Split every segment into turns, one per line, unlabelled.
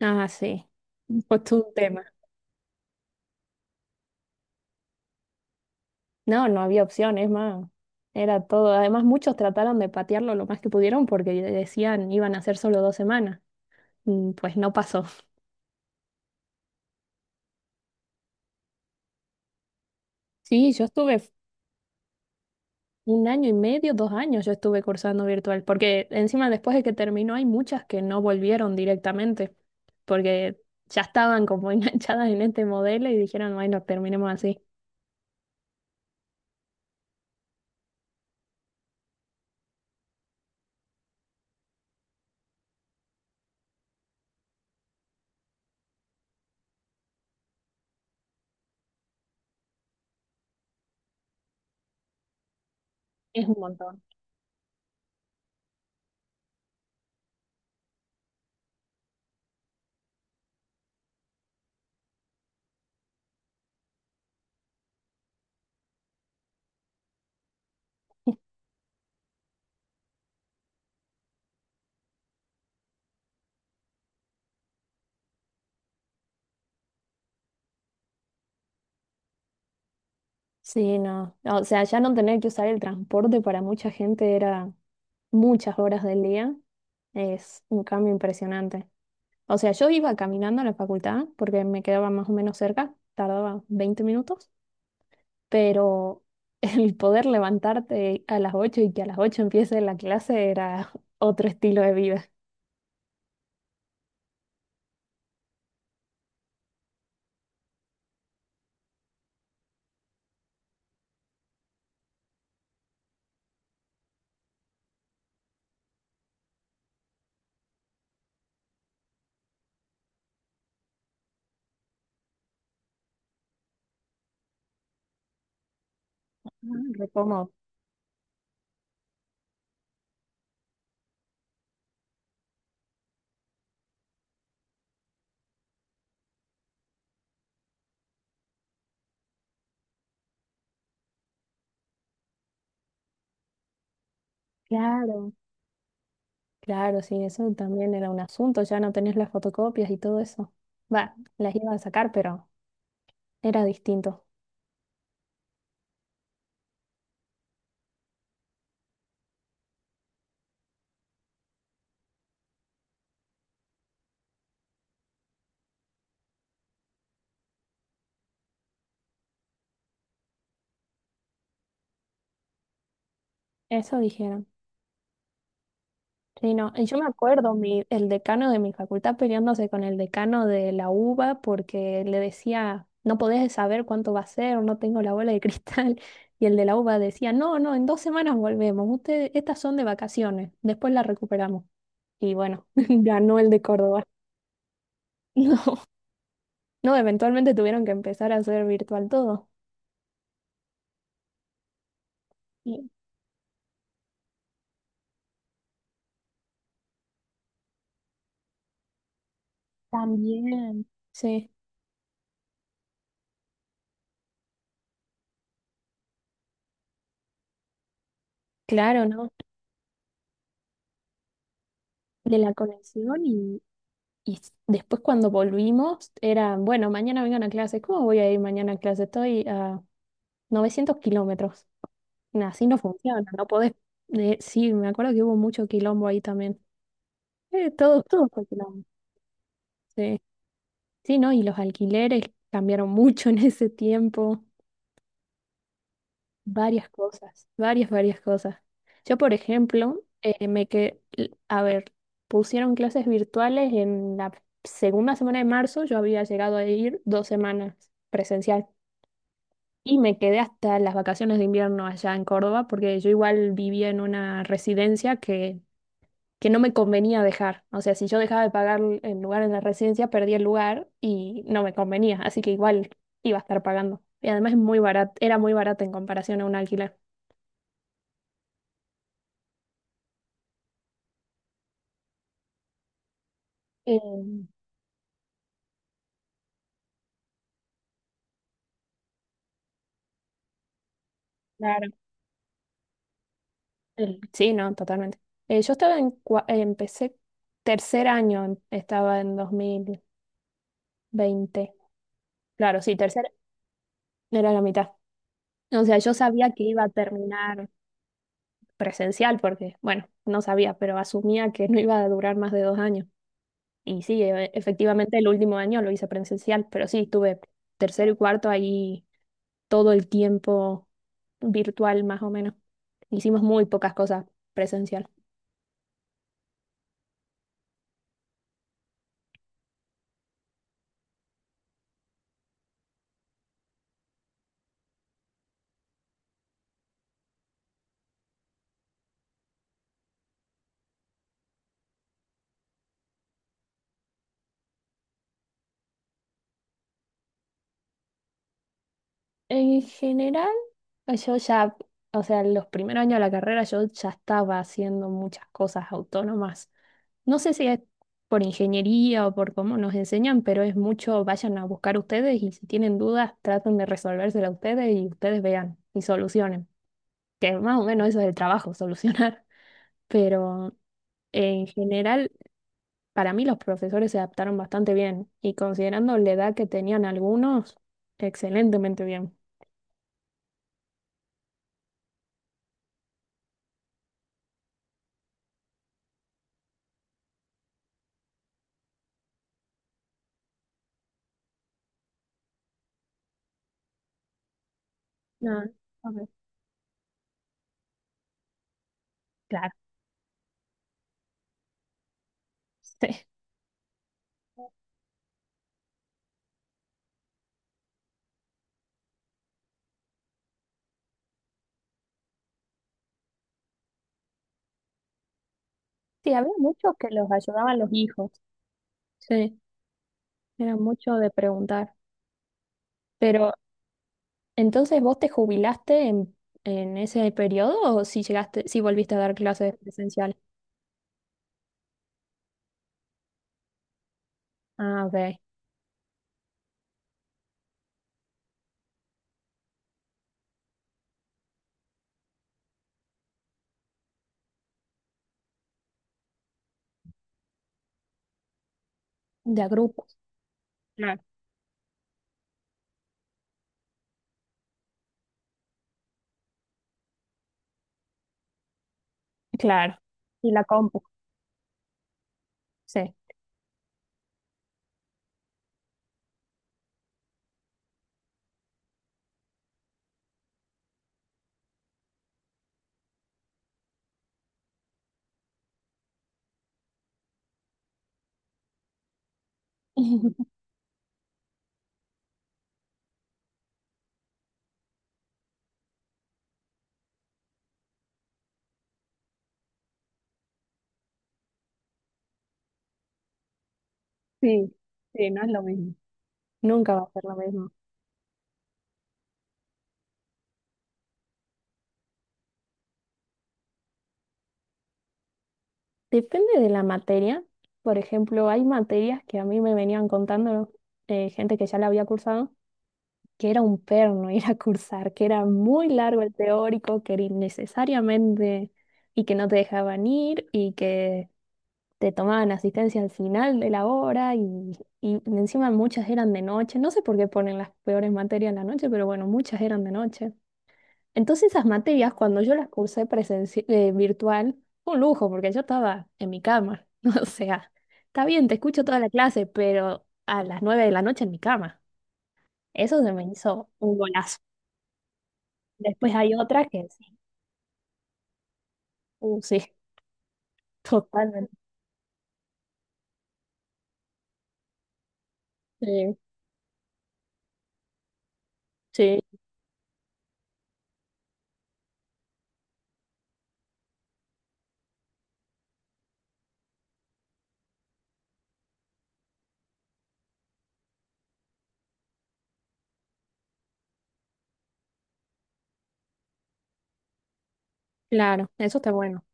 Ah, sí. Pues tú un tema. No, no había opción, es más, era todo. Además, muchos trataron de patearlo lo más que pudieron porque decían iban a ser solo 2 semanas. Pues no pasó. Sí, yo estuve un año y medio, 2 años yo estuve cursando virtual, porque encima después de que terminó hay muchas que no volvieron directamente, porque ya estaban como enganchadas en este modelo y dijeron, bueno, terminemos así. Es un montón. Sí, no. O sea, ya no tener que usar el transporte para mucha gente era muchas horas del día, es un cambio impresionante. O sea, yo iba caminando a la facultad porque me quedaba más o menos cerca, tardaba 20 minutos, pero el poder levantarte a las 8 y que a las 8 empiece la clase era otro estilo de vida. Ah, Repomo. Claro. Claro, sí, eso también era un asunto, ya no tenés las fotocopias y todo eso. Va, las iba a sacar, pero era distinto. Eso dijeron. Sí, no, y yo me acuerdo el decano de mi facultad peleándose con el decano de la UBA porque le decía, no podés saber cuánto va a ser, no tengo la bola de cristal. Y el de la UBA decía, no, no, en 2 semanas volvemos, ustedes, estas son de vacaciones, después las recuperamos. Y bueno, ganó el de Córdoba. No, no, eventualmente tuvieron que empezar a hacer virtual todo. Y también. Sí, claro, ¿no? De la conexión y después cuando volvimos, era, bueno, mañana vengan a clase. ¿Cómo voy a ir mañana a clase? Estoy a 900 kilómetros. Nah, así no funciona, no podés. Sí, me acuerdo que hubo mucho quilombo ahí también. Todo, todo fue quilombo. Sí. Sí, ¿no? Y los alquileres cambiaron mucho en ese tiempo. Varias cosas, varias, varias cosas. Yo, por ejemplo, a ver, pusieron clases virtuales en la segunda semana de marzo, yo había llegado a ir 2 semanas presencial. Y me quedé hasta las vacaciones de invierno allá en Córdoba, porque yo igual vivía en una residencia que no me convenía dejar. O sea, si yo dejaba de pagar el lugar en la residencia, perdía el lugar y no me convenía. Así que igual iba a estar pagando. Y además es muy barato, era muy barato en comparación a un alquiler. Eh, claro. Sí, no, totalmente. Yo estaba en, empecé tercer año, estaba en 2020. Claro, sí, era la mitad. O sea, yo sabía que iba a terminar presencial, porque, bueno, no sabía, pero asumía que no iba a durar más de 2 años. Y sí, efectivamente el último año lo hice presencial, pero sí, estuve tercero y cuarto ahí todo el tiempo virtual más o menos. Hicimos muy pocas cosas presencial. En general, yo ya, o sea, los primeros años de la carrera yo ya estaba haciendo muchas cosas autónomas. No sé si es por ingeniería o por cómo nos enseñan, pero es mucho, vayan a buscar ustedes y si tienen dudas, traten de resolvérsela ustedes y ustedes vean y solucionen. Que más o menos eso es el trabajo, solucionar. Pero en general, para mí los profesores se adaptaron bastante bien y considerando la edad que tenían algunos, excelentemente bien. No, ok. Claro. Sí, sí, había muchos que los ayudaban los hijos. Sí, era mucho de preguntar. Pero Entonces, ¿vos te jubilaste en, ese periodo o si volviste a dar clases presencial? Ah, ok. De a grupos. Claro. Claro. Y la compu. Sí. Sí, sí, no es lo mismo. Nunca va a ser lo mismo. Depende de la materia. Por ejemplo, hay materias que a mí me venían contando gente que ya la había cursado, que era un perno ir a cursar, que era muy largo el teórico, que era innecesariamente y que no te dejaban ir y que te tomaban asistencia al final de la hora y encima muchas eran de noche. No sé por qué ponen las peores materias en la noche, pero bueno, muchas eran de noche. Entonces esas materias, cuando yo las cursé virtual, fue un lujo porque yo estaba en mi cama. O sea, está bien, te escucho toda la clase, pero a las 9 de la noche en mi cama. Eso se me hizo un golazo. Después hay otras que sí, sí, totalmente. Sí, sí, claro, eso está bueno.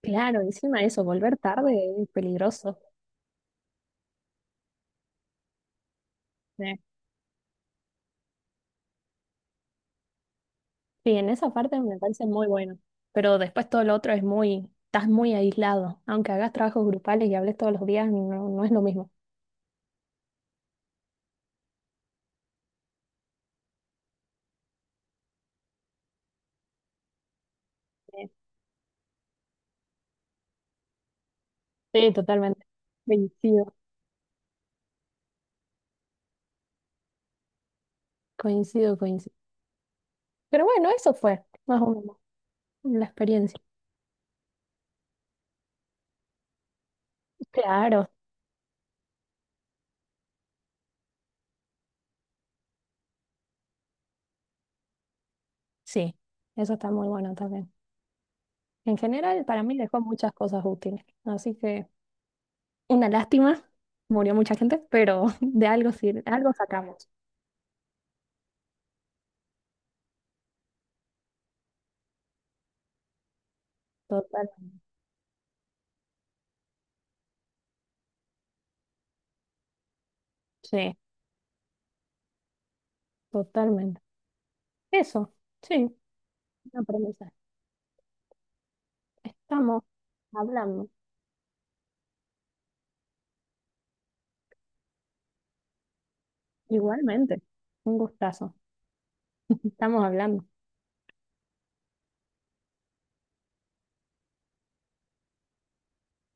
Claro, encima eso, volver tarde es peligroso. Eh, Sí, en esa parte me parece muy bueno. Pero después todo lo otro es muy, estás muy aislado. Aunque hagas trabajos grupales y hables todos los días, no, no es lo mismo. Sí, sí, totalmente. Coincido, coincido, coincido. Pero bueno, eso fue más o menos la experiencia. Claro, sí, eso está muy bueno también. En general, para mí dejó muchas cosas útiles. Así que una lástima, murió mucha gente, pero de algo sirve, algo sacamos. Total. Sí. Totalmente. Eso, sí, un aprendizaje. Estamos hablando. Igualmente. Un gustazo. Estamos hablando.